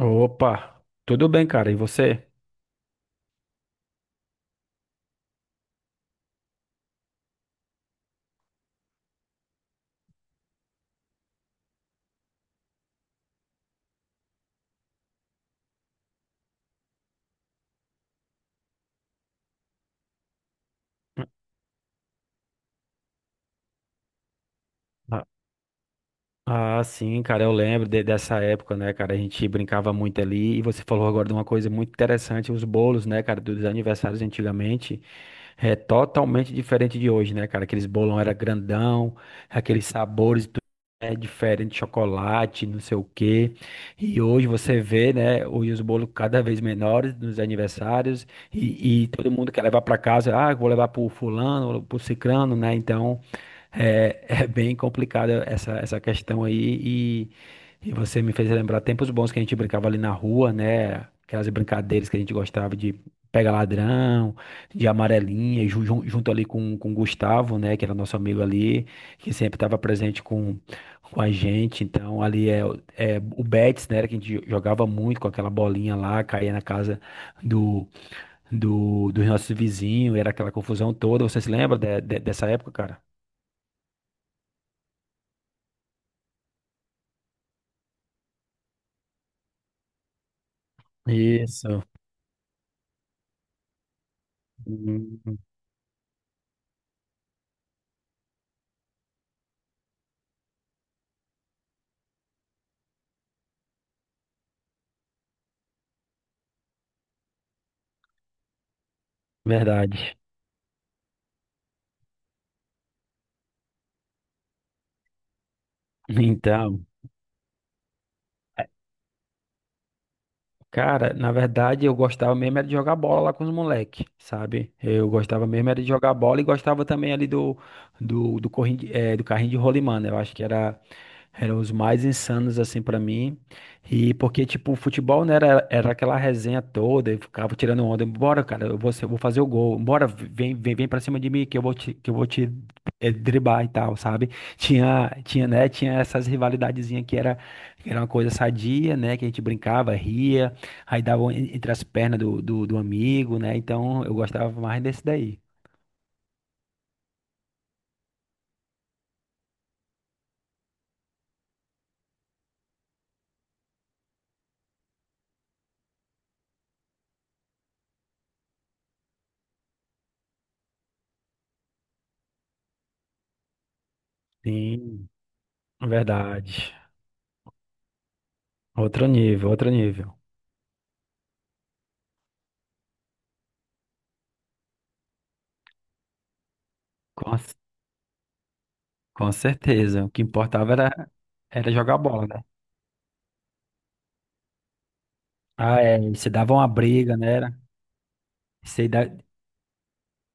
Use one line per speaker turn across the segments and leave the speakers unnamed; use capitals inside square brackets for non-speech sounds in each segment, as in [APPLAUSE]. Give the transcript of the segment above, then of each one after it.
Opa, tudo bem, cara? E você? Ah, sim, cara, eu lembro dessa época, né, cara? A gente brincava muito ali. E você falou agora de uma coisa muito interessante, os bolos, né, cara, dos aniversários antigamente. É totalmente diferente de hoje, né, cara? Aqueles bolão era grandão, aqueles sabores tudo, né, diferente, chocolate, não sei o quê. E hoje você vê, né, hoje os bolos cada vez menores nos aniversários e todo mundo quer levar para casa. Ah, eu vou levar pro fulano, pro cicrano, né? Então. É, [LAUGHS] é bem complicada essa questão aí e, e você me fez lembrar tempos bons que a gente brincava ali na rua, né? Aquelas brincadeiras que a gente gostava de pega ladrão, de amarelinha, junto ali com o Gustavo, né? Que era nosso amigo ali, que sempre estava presente com a gente. Então ali é, é o Betis, né? Que a gente jogava muito com aquela bolinha lá, caía na casa do, dos nossos vizinhos, era aquela confusão toda. Você se lembra dessa época, cara? Isso. Hum, verdade. Então, é, cara, na verdade eu gostava mesmo era de jogar bola lá com os moleques, sabe? Eu gostava mesmo era de jogar bola e gostava também ali do carrinho de rolimã, né? Eu acho que eram os mais insanos, assim, pra mim. E porque, tipo, o futebol, né, era aquela resenha toda, eu ficava tirando onda. Bora, cara, eu vou fazer o gol. Bora, vem, vem, vem pra cima de mim que eu vou te, que eu vou te eh, driblar e tal, sabe? Tinha né, tinha essas rivalidadezinhas que era uma coisa sadia, né, que a gente brincava, ria, aí dava um entre as pernas do amigo, né? Então, eu gostava mais desse daí. Sim, verdade. Outro nível, outro nível. Com certeza. O que importava era jogar bola, né? Ah, é. E se dava uma briga, né? Era. Se da-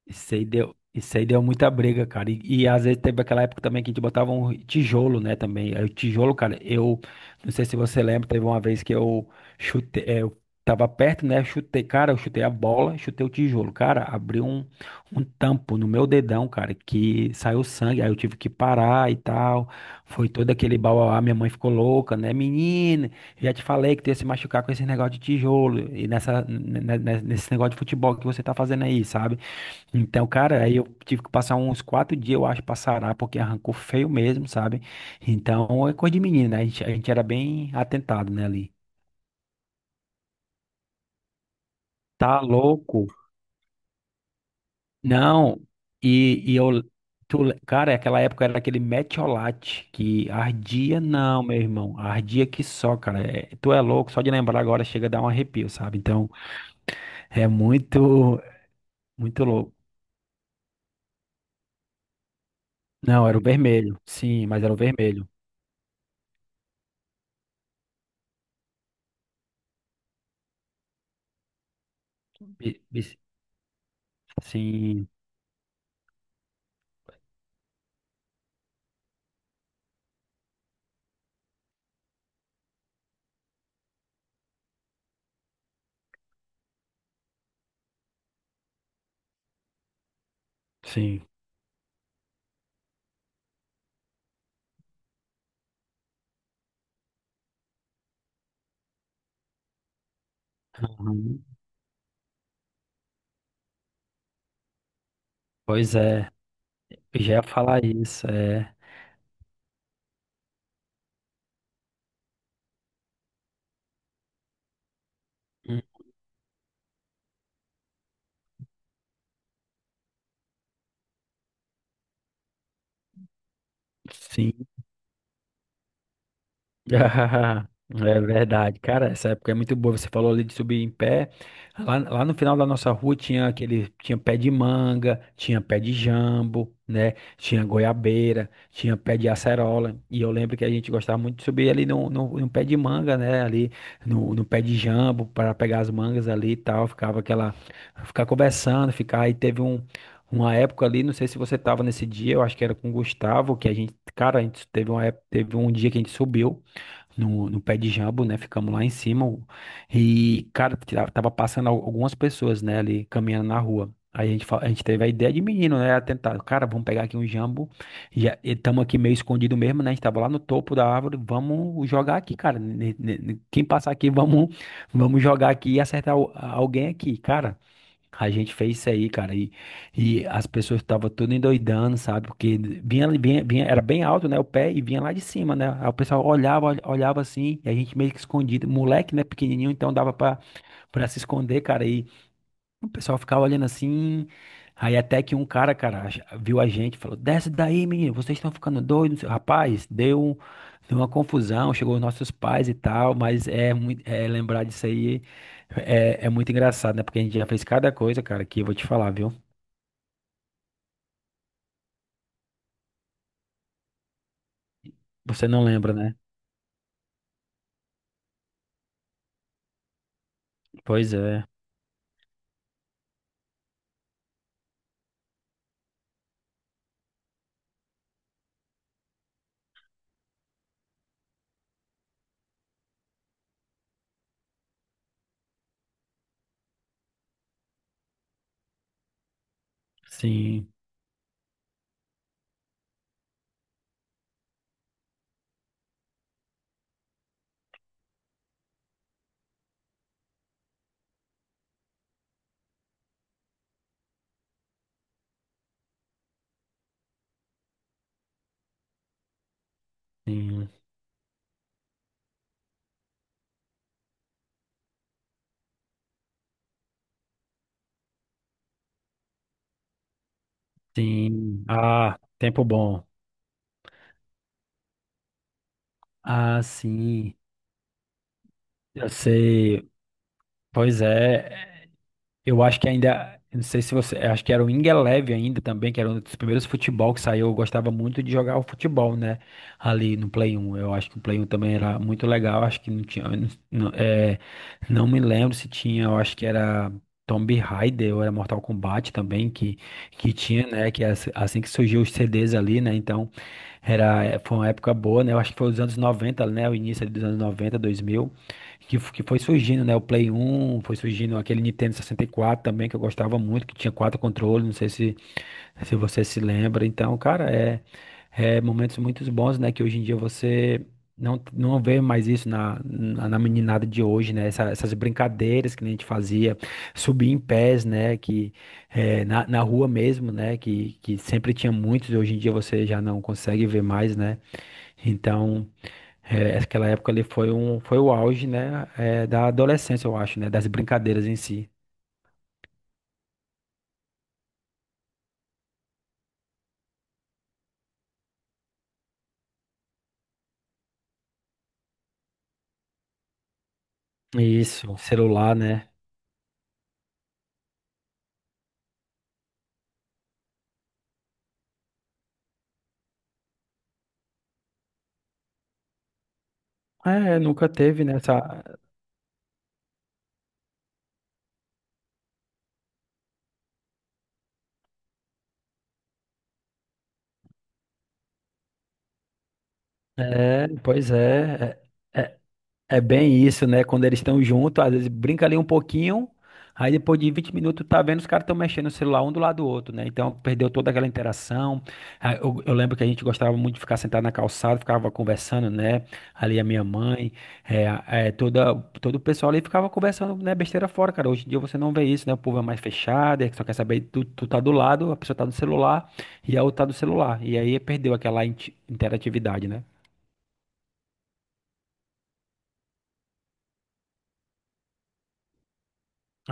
isso aí deu muita briga, cara. E às vezes teve aquela época também que a gente botava um tijolo, né, também. Aí o tijolo, cara, eu não sei se você lembra, teve uma vez que eu chutei, eu tava perto, né, chutei, cara, eu chutei a bola, chutei o tijolo, cara, abriu um tampo no meu dedão, cara, que saiu sangue, aí eu tive que parar e tal. Foi todo aquele bauauá, minha mãe ficou louca, né, menina, já te falei que tu ia se machucar com esse negócio de tijolo e nesse negócio de futebol que você tá fazendo aí, sabe? Então, cara, aí eu tive que passar uns 4 dias, eu acho, pra sarar, porque arrancou feio mesmo, sabe? Então, é coisa de menino, né? A gente era bem atentado, né, ali. Tá louco? Não, e eu... Cara, aquela época era aquele metiolate que ardia, não, meu irmão, ardia que só, cara. É, tu é louco, só de lembrar agora chega a dar um arrepio, sabe? Então, é muito, muito louco. Não, era o vermelho, sim, mas era o vermelho. Bi- bi- Sim, sim. Uhum. Pois é, eu já ia falar isso, é. Hum, sim. [LAUGHS] É verdade, cara. Essa época é muito boa. Você falou ali de subir em pé. Lá no final da nossa rua tinha aquele, tinha pé de manga, tinha pé de jambo, né? Tinha goiabeira, tinha pé de acerola. E eu lembro que a gente gostava muito de subir ali no pé de manga, né? Ali no pé de jambo para pegar as mangas ali e tal. Ficava aquela, ficar conversando, ficar. Aí teve uma época ali, não sei se você tava nesse dia, eu acho que era com o Gustavo, que a gente, cara, a gente teve uma época, teve um dia que a gente subiu no pé de jambo, né? Ficamos lá em cima. E, cara, tava passando algumas pessoas, né, ali caminhando na rua. Aí a gente teve a ideia de menino, né? Tentar, cara, vamos pegar aqui um jambo. Já estamos aqui meio escondido mesmo, né? A gente tava lá no topo da árvore. Vamos jogar aqui, cara. Quem passar aqui, vamos jogar aqui e acertar alguém aqui, cara. A gente fez isso aí, cara, e as pessoas estavam tudo endoidando, sabe? Porque vinha, era bem alto, né? O pé e vinha lá de cima, né? Aí o pessoal olhava assim, e a gente meio que escondido. Moleque, né? Pequenininho, então dava pra se esconder, cara. O pessoal ficava olhando assim. Aí até que um cara, viu a gente, e falou: Desce daí, menino, vocês estão ficando doidos. Rapaz, deu uma confusão, chegou os nossos pais e tal, mas é, muito, é lembrar disso aí é muito engraçado, né? Porque a gente já fez cada coisa, cara, que eu vou te falar, viu? Você não lembra, né? Pois é. Sim, sim, sim. Ah, tempo bom. Ah, sim. Eu sei. Pois é. Eu acho que ainda, eu não sei se você, eu acho que era o Ingeleve ainda também, que era um dos primeiros futebol que saiu. Eu gostava muito de jogar o futebol, né? Ali no Play 1. Eu acho que o Play 1 também era muito legal. Acho que não tinha, eu não, não- é, não me lembro se tinha, eu acho que era Tomb Raider ou era Mortal Kombat também que tinha, né? Que é assim que surgiu os CDs ali, né? Então, foi uma época boa, né? Eu acho que foi os anos 90, né? O início ali dos anos 90, dois mil. Que foi surgindo, né? O Play 1, foi surgindo aquele Nintendo 64 também, que eu gostava muito, que tinha quatro controles, não sei se você se lembra. Então, cara, é momentos muito bons, né? Que hoje em dia você não vê mais isso na meninada de hoje, né? Essas brincadeiras que a gente fazia, subir em pés, né? Que na rua mesmo, né? Que sempre tinha muitos, hoje em dia você já não consegue ver mais, né? Então. É, aquela época ali foi o auge, né, da adolescência, eu acho, né, das brincadeiras em si. Isso, celular, né? É, nunca teve, né, essa... É, pois é, é, é, É bem isso, né? Quando eles estão juntos, às vezes brinca ali um pouquinho, aí depois de 20 minutos tá vendo os caras estão mexendo no celular um do lado do outro, né? Então perdeu toda aquela interação. Ah, eu lembro que a gente gostava muito de ficar sentado na calçada, ficava conversando, né? Ali a minha mãe, é, a- é, toda, todo o pessoal ali ficava conversando, né? Besteira fora, cara. Hoje em dia você não vê isso, né? O povo é mais fechado, é que só quer saber, tu tá do lado, a pessoa tá no celular e a outra tá do celular. E aí perdeu aquela interatividade, né?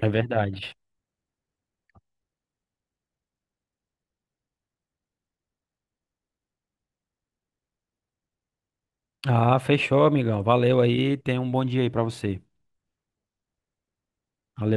É verdade. Ah, fechou, amigão. Valeu aí. Tenha um bom dia aí pra você. Valeu.